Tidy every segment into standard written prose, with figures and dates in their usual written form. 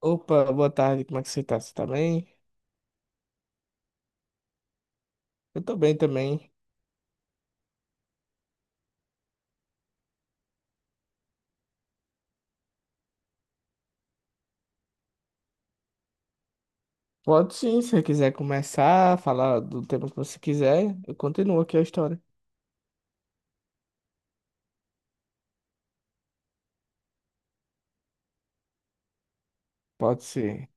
Opa, boa tarde, como é que você tá? Você tá bem? Eu tô bem também. Pode sim, se você quiser começar a falar do tema que você quiser, eu continuo aqui a história. Pode ser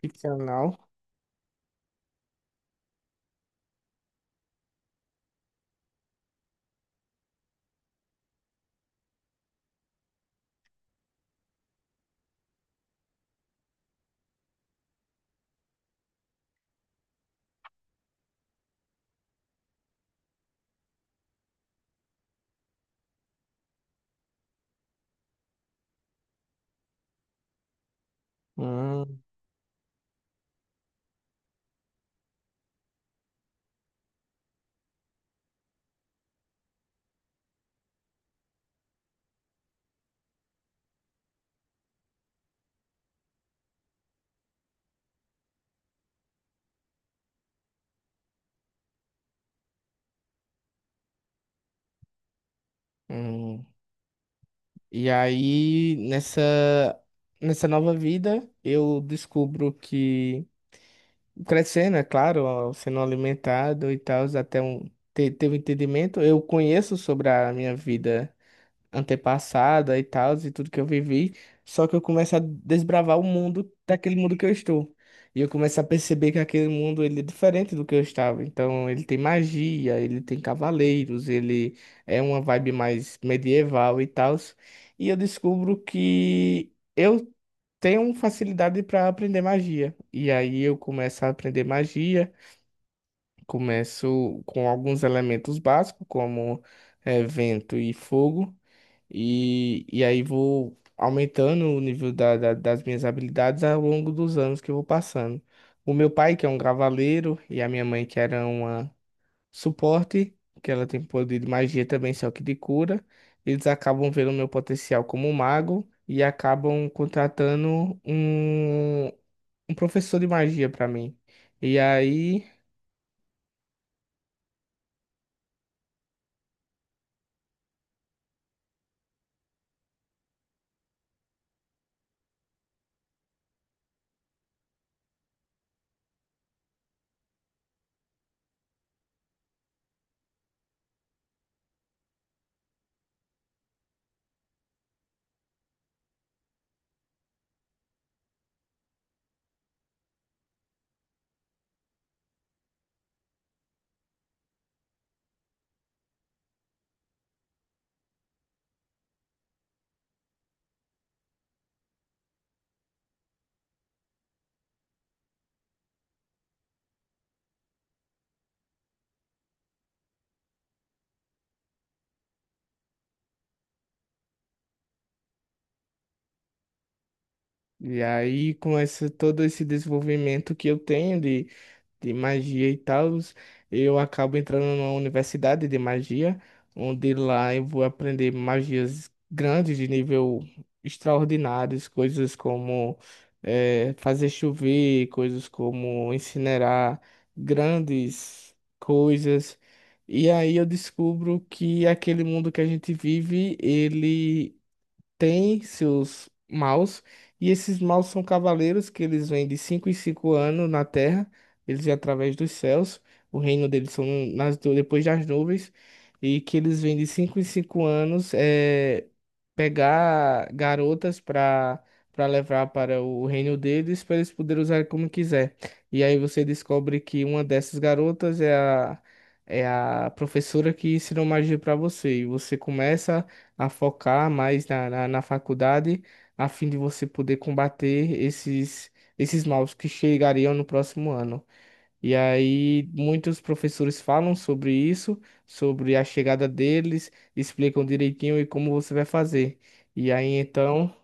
ficcional. Hum, hum. E aí, nessa nova vida, eu descubro que, crescendo, é claro, ó, sendo alimentado e tal, até um, ter um entendimento, eu conheço sobre a minha vida antepassada e tal, e tudo que eu vivi. Só que eu começo a desbravar o mundo daquele mundo que eu estou. E eu começo a perceber que aquele mundo ele é diferente do que eu estava. Então, ele tem magia, ele tem cavaleiros, ele é uma vibe mais medieval e tal. E eu descubro que eu tenho facilidade para aprender magia. E aí eu começo a aprender magia, começo com alguns elementos básicos, como vento e fogo. E aí vou aumentando o nível das minhas habilidades ao longo dos anos que eu vou passando. O meu pai, que é um cavaleiro, e a minha mãe, que era uma suporte, que ela tem poder de magia também, só que de cura, eles acabam vendo o meu potencial como um mago e acabam contratando um professor de magia para mim. E aí, e aí, com esse, todo esse desenvolvimento que eu tenho de magia e tal, eu acabo entrando numa universidade de magia, onde lá eu vou aprender magias grandes de nível extraordinários, coisas como fazer chover, coisas como incinerar grandes coisas. E aí eu descubro que aquele mundo que a gente vive, ele tem seus maus, e esses maus são cavaleiros que eles vêm de 5 em 5 anos na Terra, eles vêm através dos céus, o reino deles são depois das nuvens, e que eles vêm de 5 em 5 anos pegar garotas para levar para o reino deles, para eles poderem usar como quiser. E aí você descobre que uma dessas garotas é a professora que ensinou magia para você, e você começa a focar mais na faculdade, a fim de você poder combater esses maus que chegariam no próximo ano. E aí, muitos professores falam sobre isso, sobre a chegada deles, explicam direitinho e como você vai fazer. E aí, então,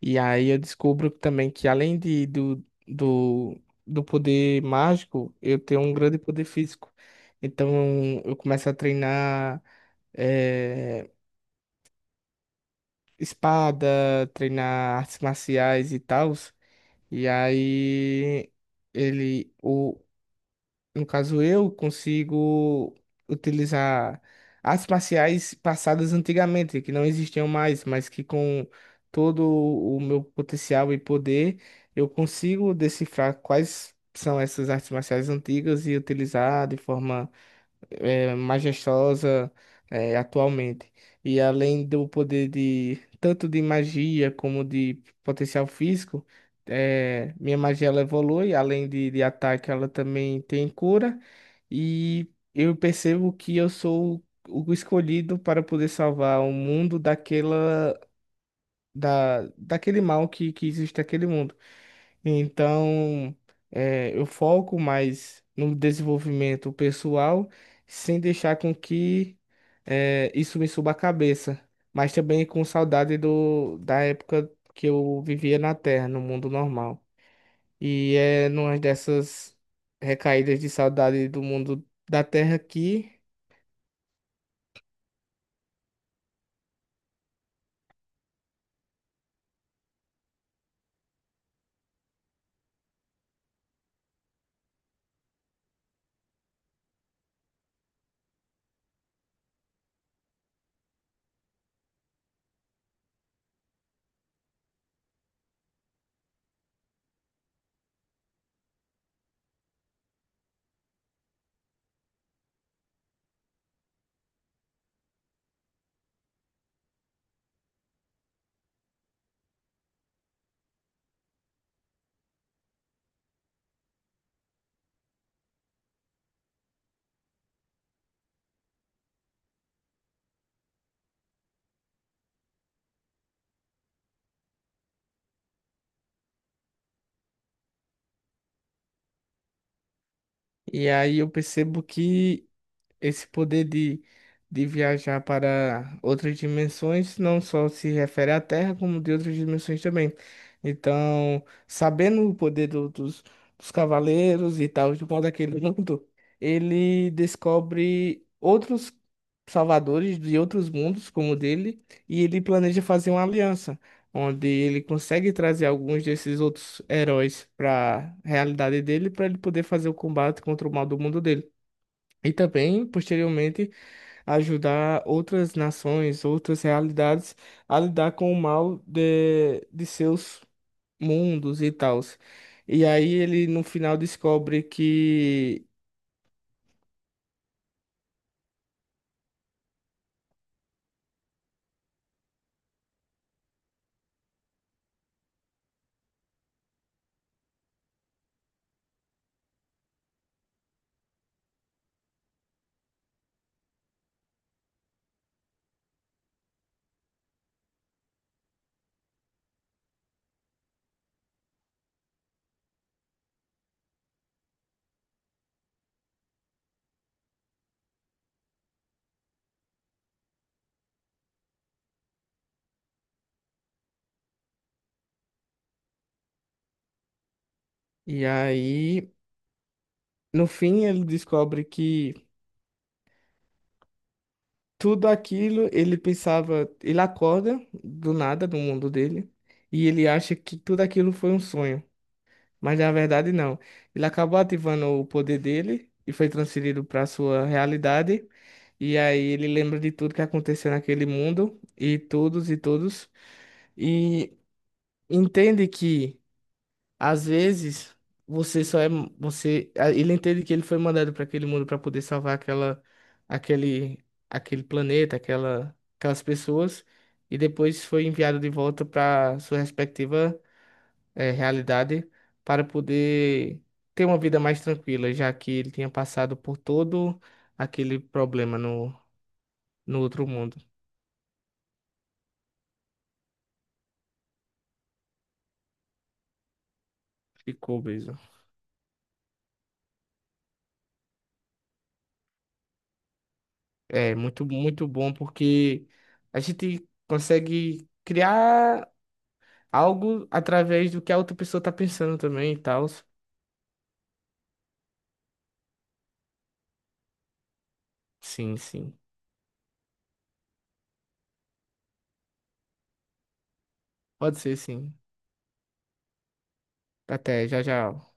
e aí eu descubro também que além de, do, do, do poder mágico, eu tenho um grande poder físico. Então, eu começo a treinar. eh, Espada, treinar artes marciais e tal. E aí ele, o, no caso eu, consigo utilizar artes marciais passadas antigamente, que não existiam mais, mas que com todo o meu potencial e poder, eu consigo decifrar quais são essas artes marciais antigas e utilizar de forma majestosa atualmente. E além do poder de tanto de magia como de potencial físico, minha magia ela evolui, além de ataque, ela também tem cura. E eu percebo que eu sou o escolhido para poder salvar o mundo daquele mal que existe naquele mundo. Então, eu foco mais no desenvolvimento pessoal, sem deixar com que isso me suba a cabeça, mas também com saudade da época que eu vivia na Terra, no mundo normal. E é numa dessas recaídas de saudade do mundo da Terra aqui, e aí eu percebo que esse poder de viajar para outras dimensões não só se refere à Terra, como de outras dimensões também. Então, sabendo o poder dos cavaleiros e tal, de modo aquele mundo, ele descobre outros salvadores de outros mundos, como o dele, e ele planeja fazer uma aliança, onde ele consegue trazer alguns desses outros heróis para a realidade dele, para ele poder fazer o combate contra o mal do mundo dele. E também, posteriormente, ajudar outras nações, outras realidades a lidar com o mal de seus mundos e tals. E aí ele no final descobre que. E aí, no fim, ele descobre que tudo aquilo ele pensava. Ele acorda do nada no mundo dele. E ele acha que tudo aquilo foi um sonho, mas na verdade não. Ele acabou ativando o poder dele e foi transferido para sua realidade. E aí ele lembra de tudo que aconteceu naquele mundo e todos e todos e entende que às vezes você só é você a- ele entende que ele foi mandado para aquele mundo para poder salvar aquela aquele aquele planeta, aquelas pessoas e depois foi enviado de volta para sua respectiva realidade para poder ter uma vida mais tranquila, já que ele tinha passado por todo aquele problema no outro mundo. Ficou obeso. É muito, muito bom porque a gente consegue criar algo através do que a outra pessoa tá pensando também e tal. Sim, sim. Pode ser, sim. Até, já, já.